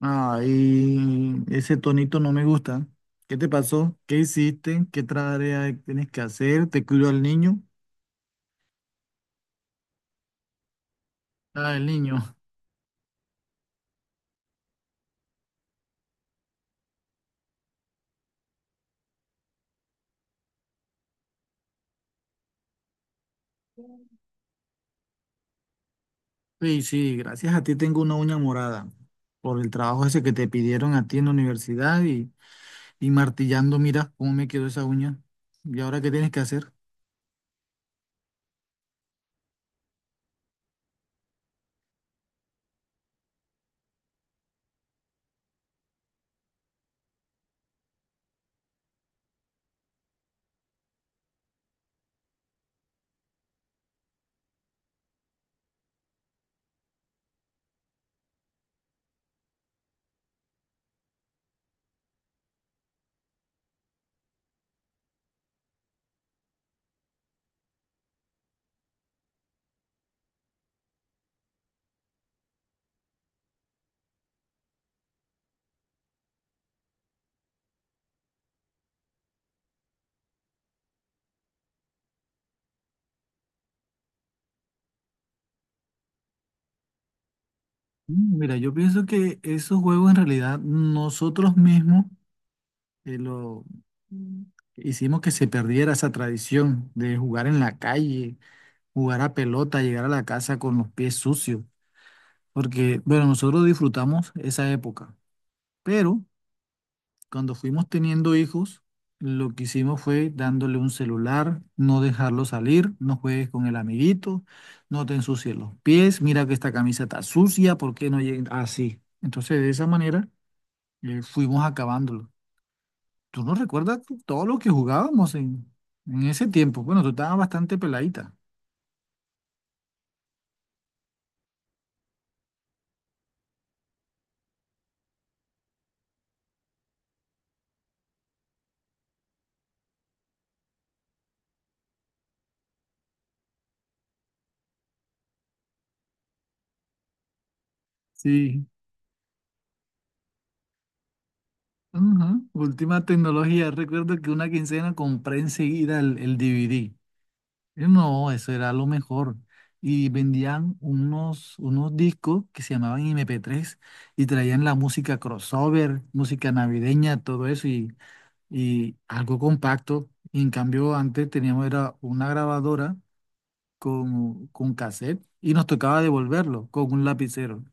Ay, ese tonito no me gusta. ¿Qué te pasó? ¿Qué hiciste? ¿Qué tarea tienes que hacer? ¿Te cuidó al niño? Ah, el niño. Sí, sí, gracias a ti tengo una uña morada por el trabajo ese que te pidieron a ti en la universidad y martillando, mira cómo me quedó esa uña. ¿Y ahora qué tienes que hacer? Mm, mira, yo pienso que esos juegos en realidad nosotros mismos lo Mm. hicimos que se perdiera esa tradición de jugar en la calle, jugar a pelota, llegar a la casa con los pies sucios, porque, bueno, nosotros disfrutamos esa época, pero cuando fuimos teniendo hijos, lo que hicimos fue dándole un celular, no dejarlo salir, no juegues con el amiguito, no te ensucies los pies, mira que esta camisa está sucia, ¿por qué no llega así? Entonces, de esa manera, fuimos acabándolo. ¿Tú no recuerdas todo lo que jugábamos en ese tiempo? Bueno, tú estabas bastante peladita. Sí. Ajá, última tecnología. Recuerdo que una quincena compré enseguida el DVD. No, eso era lo mejor. Y vendían unos, unos discos que se llamaban MP3 y traían la música crossover, música navideña, todo eso y algo compacto. Y en cambio, antes teníamos era una grabadora con cassette y nos tocaba devolverlo con un lapicero.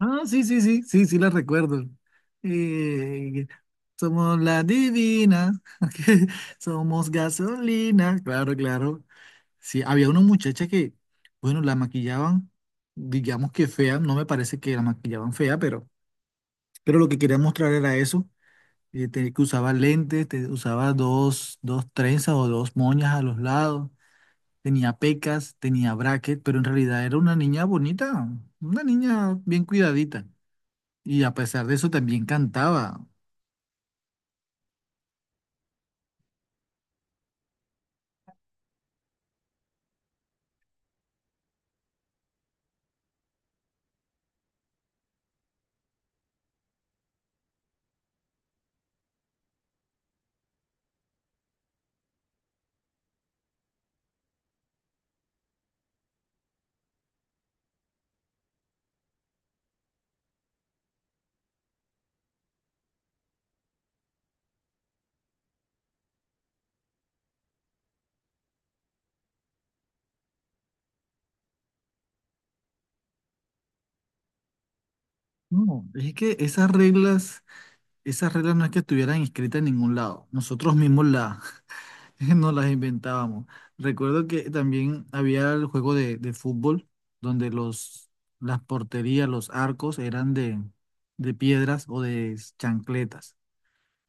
Ah, sí, sí, sí, sí, sí, la recuerdo. Eh, Somos la divina, somos gasolina, claro, claro. Sí, había una muchacha que, bueno, la maquillaban, digamos que fea, no me parece que la maquillaban fea, pero lo que quería mostrar era eso, que usaba lentes, usaba dos, dos trenzas o dos moñas a los lados, tenía pecas, tenía bracket, pero en realidad era una niña bonita, una niña bien cuidadita. Y a pesar de eso también cantaba. No, es que esas reglas no es que estuvieran escritas en ningún lado. Nosotros mismos las nos las inventábamos. Recuerdo que también había el juego de fútbol donde las porterías, los arcos eran de piedras o de chancletas.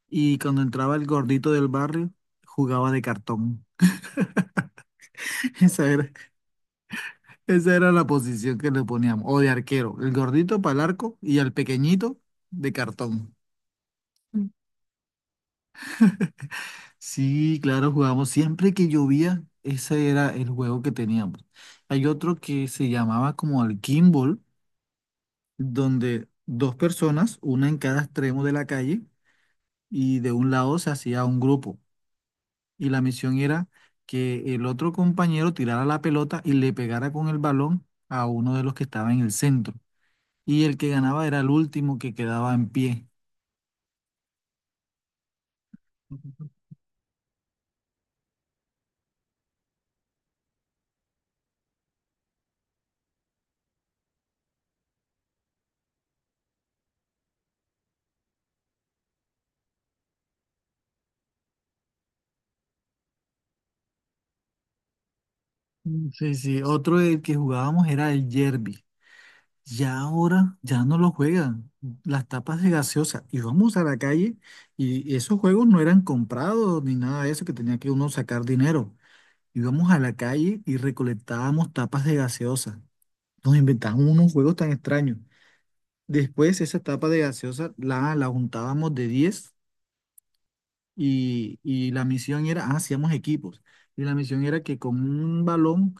Y cuando entraba el gordito del barrio, jugaba de cartón. Esa era, esa era la posición que le poníamos. O de arquero, el gordito para el arco y al pequeñito de cartón. Mm. Sí, claro, jugábamos. Siempre que llovía, ese era el juego que teníamos. Hay otro que se llamaba como el Kimball, donde dos personas, una en cada extremo de la calle, y de un lado se hacía un grupo. Y la misión era que el otro compañero tirara la pelota y le pegara con el balón a uno de los que estaba en el centro, y el que ganaba era el último que quedaba en pie. Mm, sí, sí, otro del que jugábamos era el Yerby. Ya ahora ya no lo juegan. Las tapas de gaseosa. Íbamos a la calle y esos juegos no eran comprados ni nada de eso, que tenía que uno sacar dinero. Íbamos a la calle y recolectábamos tapas de gaseosa. Nos inventábamos unos juegos tan extraños. Después esa tapa de gaseosa la juntábamos de 10 y la misión era, ah, hacíamos equipos, y la misión era que con un balón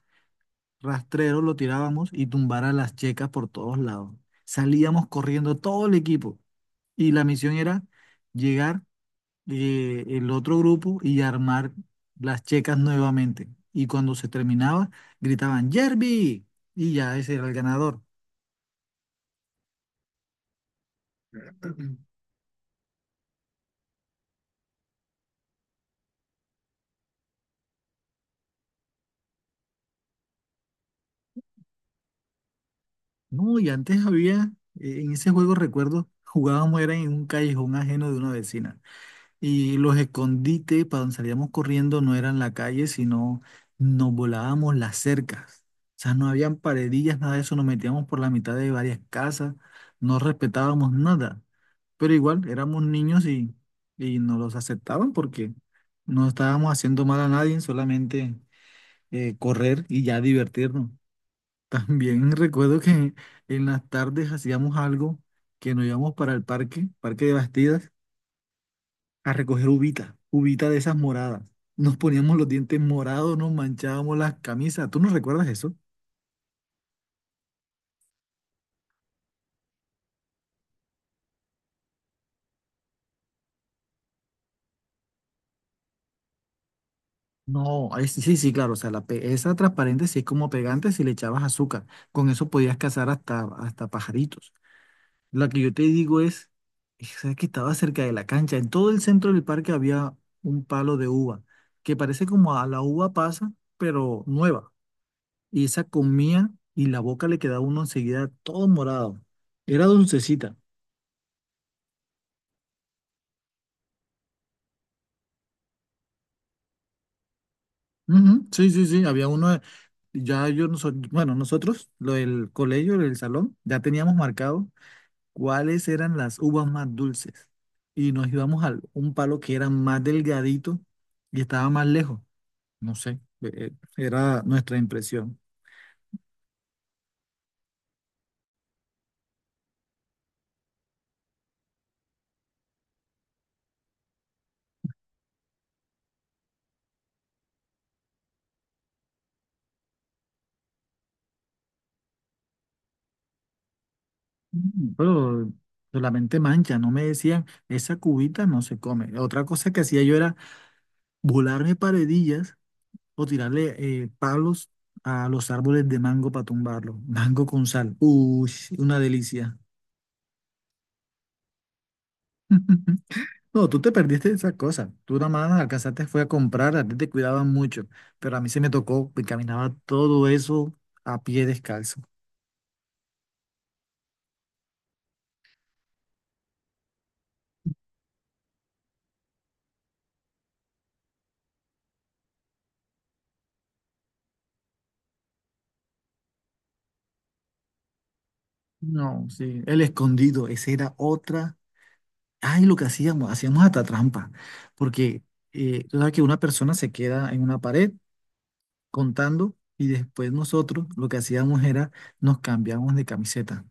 rastrero lo tirábamos y tumbara las checas por todos lados. Salíamos corriendo todo el equipo y la misión era llegar el otro grupo y armar las checas nuevamente. Y cuando se terminaba, gritaban, Jerby, y ya ese era el ganador. No, y antes había, en ese juego recuerdo, jugábamos era en un callejón ajeno de una vecina. Y los escondites para donde salíamos corriendo no eran la calle, sino nos volábamos las cercas. O sea, no habían paredillas, nada de eso, nos metíamos por la mitad de varias casas, no respetábamos nada. Pero igual, éramos niños y nos los aceptaban porque no estábamos haciendo mal a nadie, solamente correr y ya divertirnos. También recuerdo que en las tardes hacíamos algo que nos íbamos para el parque, Parque de Bastidas, a recoger uvita, uvita de esas moradas. Nos poníamos los dientes morados, nos manchábamos las camisas. ¿Tú no recuerdas eso? No, ay, sí, sí, sí, claro. O sea, esa transparente sí es como pegante si le echabas azúcar. Con eso podías cazar hasta, hasta pajaritos. La que yo te digo es, esa que estaba cerca de la cancha. En todo el centro del parque había un palo de uva, que parece como a la uva pasa, pero nueva. Y esa comía y la boca le quedaba uno enseguida todo morado. Era dulcecita. Ujú, sí, sí, sí, había uno, de- ya yo, no so- bueno, nosotros, lo del colegio, el salón, ya teníamos marcado cuáles eran las uvas más dulces y nos íbamos a un palo que era más delgadito y estaba más lejos, no sé, era nuestra impresión. Mm, pero solamente mancha, no me decían, esa cubita no se come. Otra cosa que hacía yo era volarme paredillas o tirarle palos a los árboles de mango para tumbarlo. Mango con sal. Uy, una delicia. No, tú te perdiste de esas cosas. Tú nada más alcanzaste fue a comprar, a ti te cuidaban mucho. Pero a mí se me tocó, me caminaba todo eso a pie descalzo. No, sí. El escondido, esa era otra. Ay, lo que hacíamos, hacíamos hasta trampa. Porque tú sabes que una persona se queda en una pared contando y después nosotros lo que hacíamos era nos cambiamos de camiseta,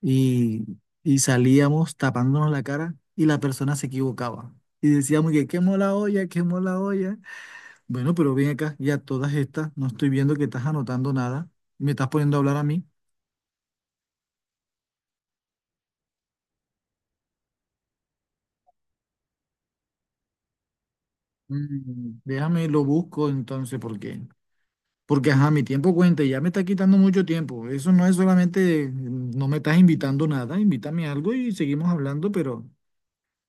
y, y salíamos tapándonos la cara y la persona se equivocaba. Y decíamos que quemó la olla, quemó la olla. Bueno, pero ven acá, ya todas estas, no estoy viendo que estás anotando nada. Me estás poniendo a hablar a mí. Mm, déjame, lo busco entonces, ¿por qué? Porque, ajá, mi tiempo cuenta y ya me está quitando mucho tiempo. Eso no es solamente, mm, no me estás invitando nada, invítame algo y seguimos hablando, pero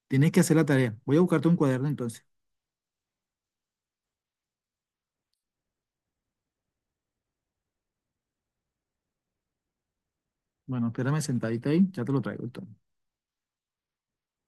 tienes que hacer la tarea. Voy a buscarte un cuaderno entonces. Bueno, espérame sentadita ahí, ya te lo traigo entonces.